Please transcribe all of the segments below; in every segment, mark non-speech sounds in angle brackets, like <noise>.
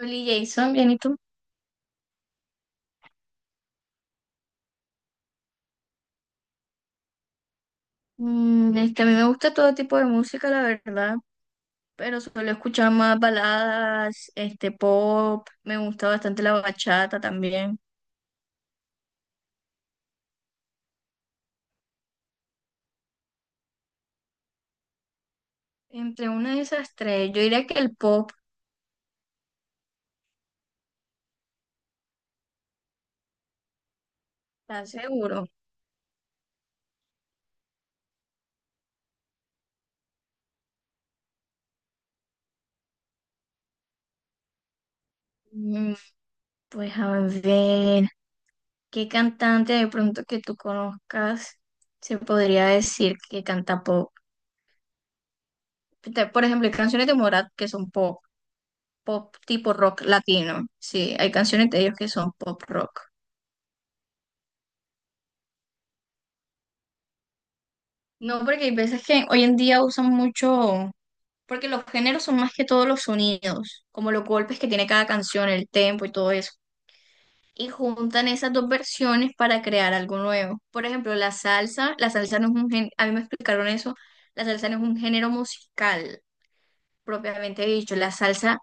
Oli Jason, bien, ¿y tú? A mí me gusta todo tipo de música, la verdad, pero suelo escuchar más baladas, pop, me gusta bastante la bachata también. Entre una de esas tres, yo diría que el pop. ¿Estás seguro? Mm, pues a ver, ¿qué cantante de pronto que tú conozcas se podría decir que canta pop? Por ejemplo, hay canciones de Morat que son pop, pop tipo rock latino, sí, hay canciones de ellos que son pop rock. No, porque hay veces que hoy en día usan mucho, porque los géneros son más que todos los sonidos, como los golpes que tiene cada canción, el tempo y todo eso. Y juntan esas dos versiones para crear algo nuevo. Por ejemplo, la salsa no es un género, a mí me explicaron eso, la salsa no es un género musical, propiamente dicho. La salsa,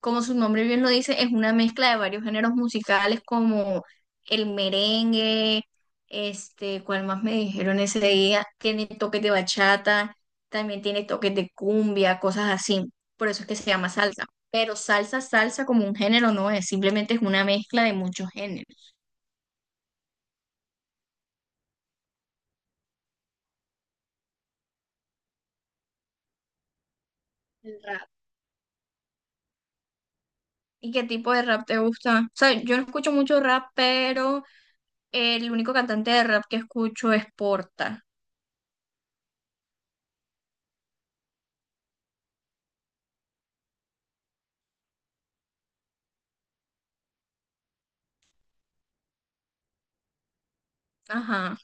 como su nombre bien lo dice, es una mezcla de varios géneros musicales como el merengue, ¿cuál más me dijeron ese día? Tiene toques de bachata, también tiene toques de cumbia, cosas así. Por eso es que se llama salsa. Pero salsa, salsa como un género no es, simplemente es una mezcla de muchos géneros. El rap. ¿Y qué tipo de rap te gusta? O sea, yo no escucho mucho rap, pero el único cantante de rap que escucho es Porta. Ajá,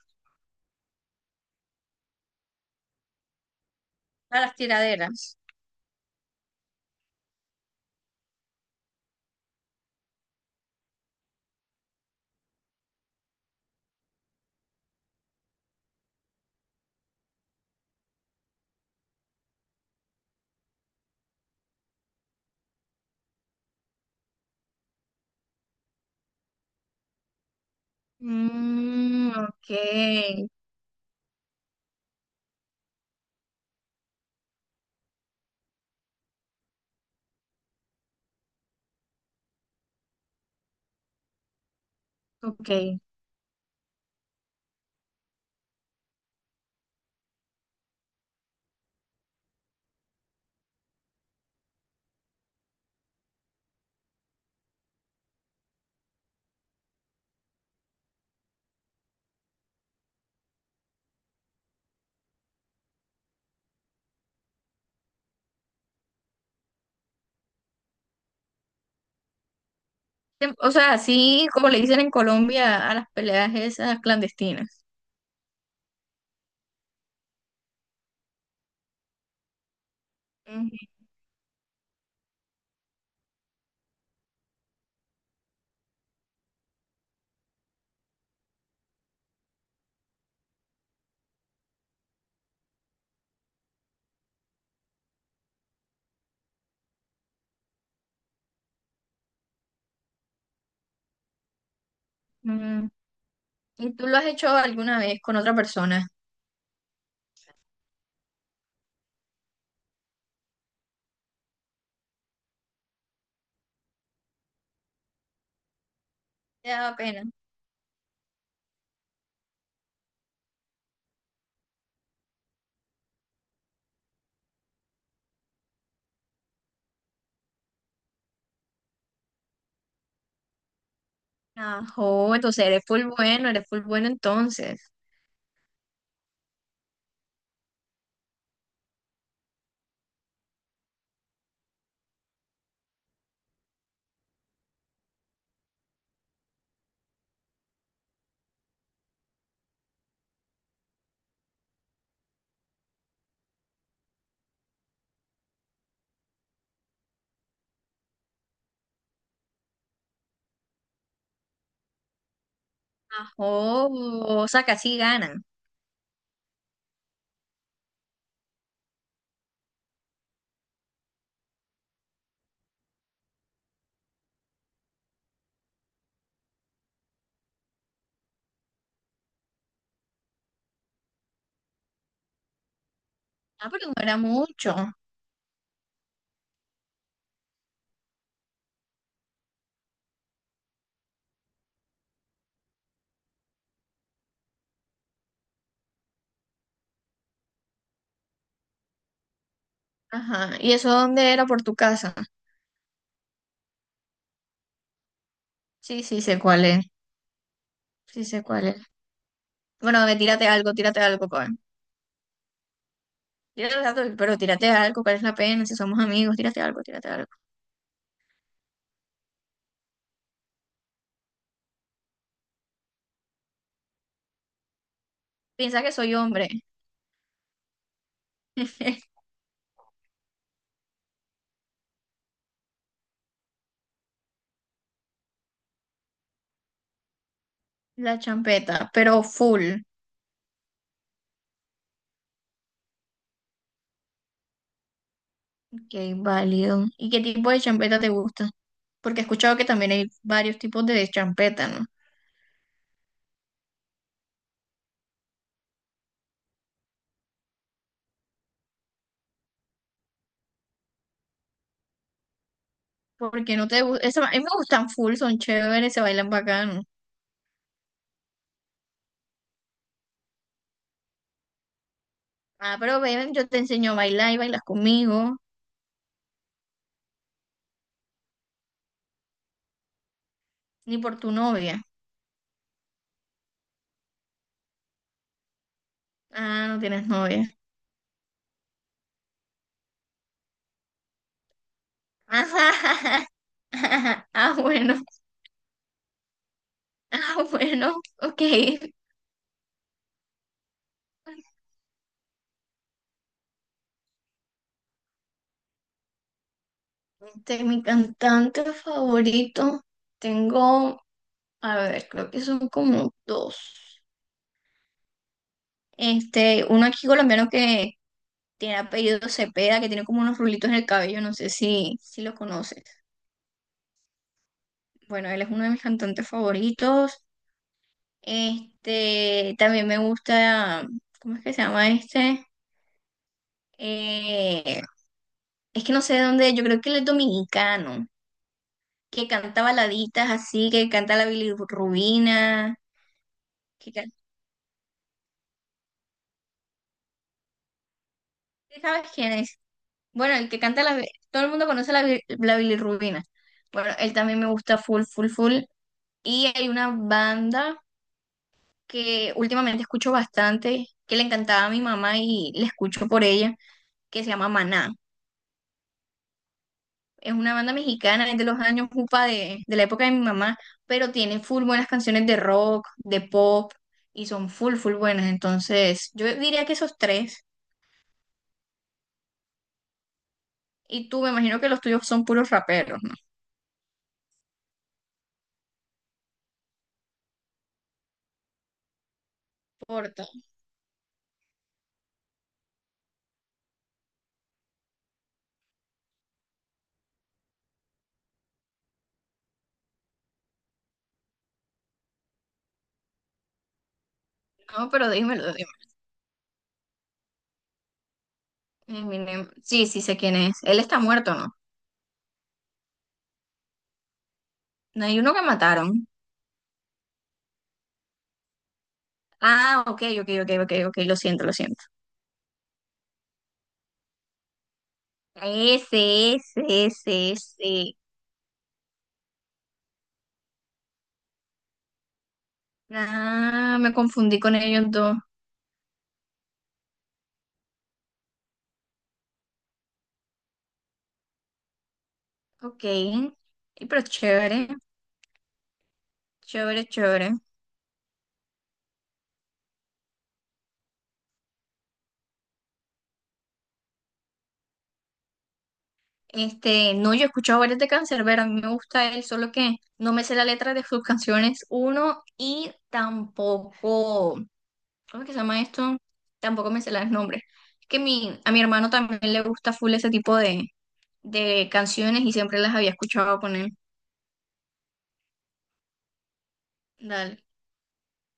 a las tiraderas. Mm, ok, ok. O sea, así como le dicen en Colombia a las peleas esas clandestinas. Ujú. Mm, ¿y tú lo has hecho alguna vez con otra persona? Te da pena. Ajo, entonces eres full bueno entonces. Ajo, o sea, casi ganan. Ah, pero no era mucho. Ajá, ¿y eso dónde era? ¿Por tu casa? Sí, sí, sé cuál es. Sí, sé cuál es. Bueno, ve, tírate algo, pues. Tírate los datos, pero tírate algo, ¿cuál es la pena? Si somos amigos, tírate algo, tírate algo. Piensa que soy hombre. <laughs> La champeta, pero full. Ok, válido. ¿Y qué tipo de champeta te gusta? Porque he escuchado que también hay varios tipos de champeta, ¿no? Porque no te gusta. A mí me gustan full, son chéveres, se bailan bacano. Ah, pero ven, yo te enseño a bailar y bailas conmigo. Ni por tu novia. Ah, no tienes novia. <laughs> Ah, bueno. Ah, bueno. Ok. De mi cantante favorito tengo, a ver, creo que son como dos. Uno aquí colombiano que tiene apellido Cepeda, que tiene como unos rulitos en el cabello, no sé si lo conoces. Bueno, él es uno de mis cantantes favoritos. Este, también me gusta, ¿cómo es que se llama este? Eh, es que no sé de dónde, yo creo que él es dominicano, que canta baladitas así, que canta la bilirrubina, que can- ¿sabes quién es? Bueno, el que canta la... Todo el mundo conoce la, la bilirrubina. Bueno, él también me gusta full, full, full. Y hay una banda que últimamente escucho bastante, que le encantaba a mi mamá y la escucho por ella, que se llama Maná. Es una banda mexicana, es de los años upa de la época de mi mamá, pero tiene full buenas canciones de rock, de pop, y son full, full buenas. Entonces, yo diría que esos tres, y tú me imagino que los tuyos son puros raperos, no. No importa. No, pero dímelo, Eminem. Sí, sí sé quién es. Él está muerto, ¿no? No hay uno que mataron. Ah, ok, ok, ok, ok, ok, lo siento, lo siento. Ese, ese, ese, ese. Ah, me confundí con ellos dos. Ok. Y pero chévere, chévere, chévere. No, yo he escuchado varias de Canserbero, a mí me gusta él, solo que no me sé la letra de sus <laughs> canciones, uno, y tampoco, ¿cómo es que se llama esto? Tampoco me sé los nombres. Es que mi, a mi hermano también le gusta full ese tipo de canciones y siempre las había escuchado poner. Dale.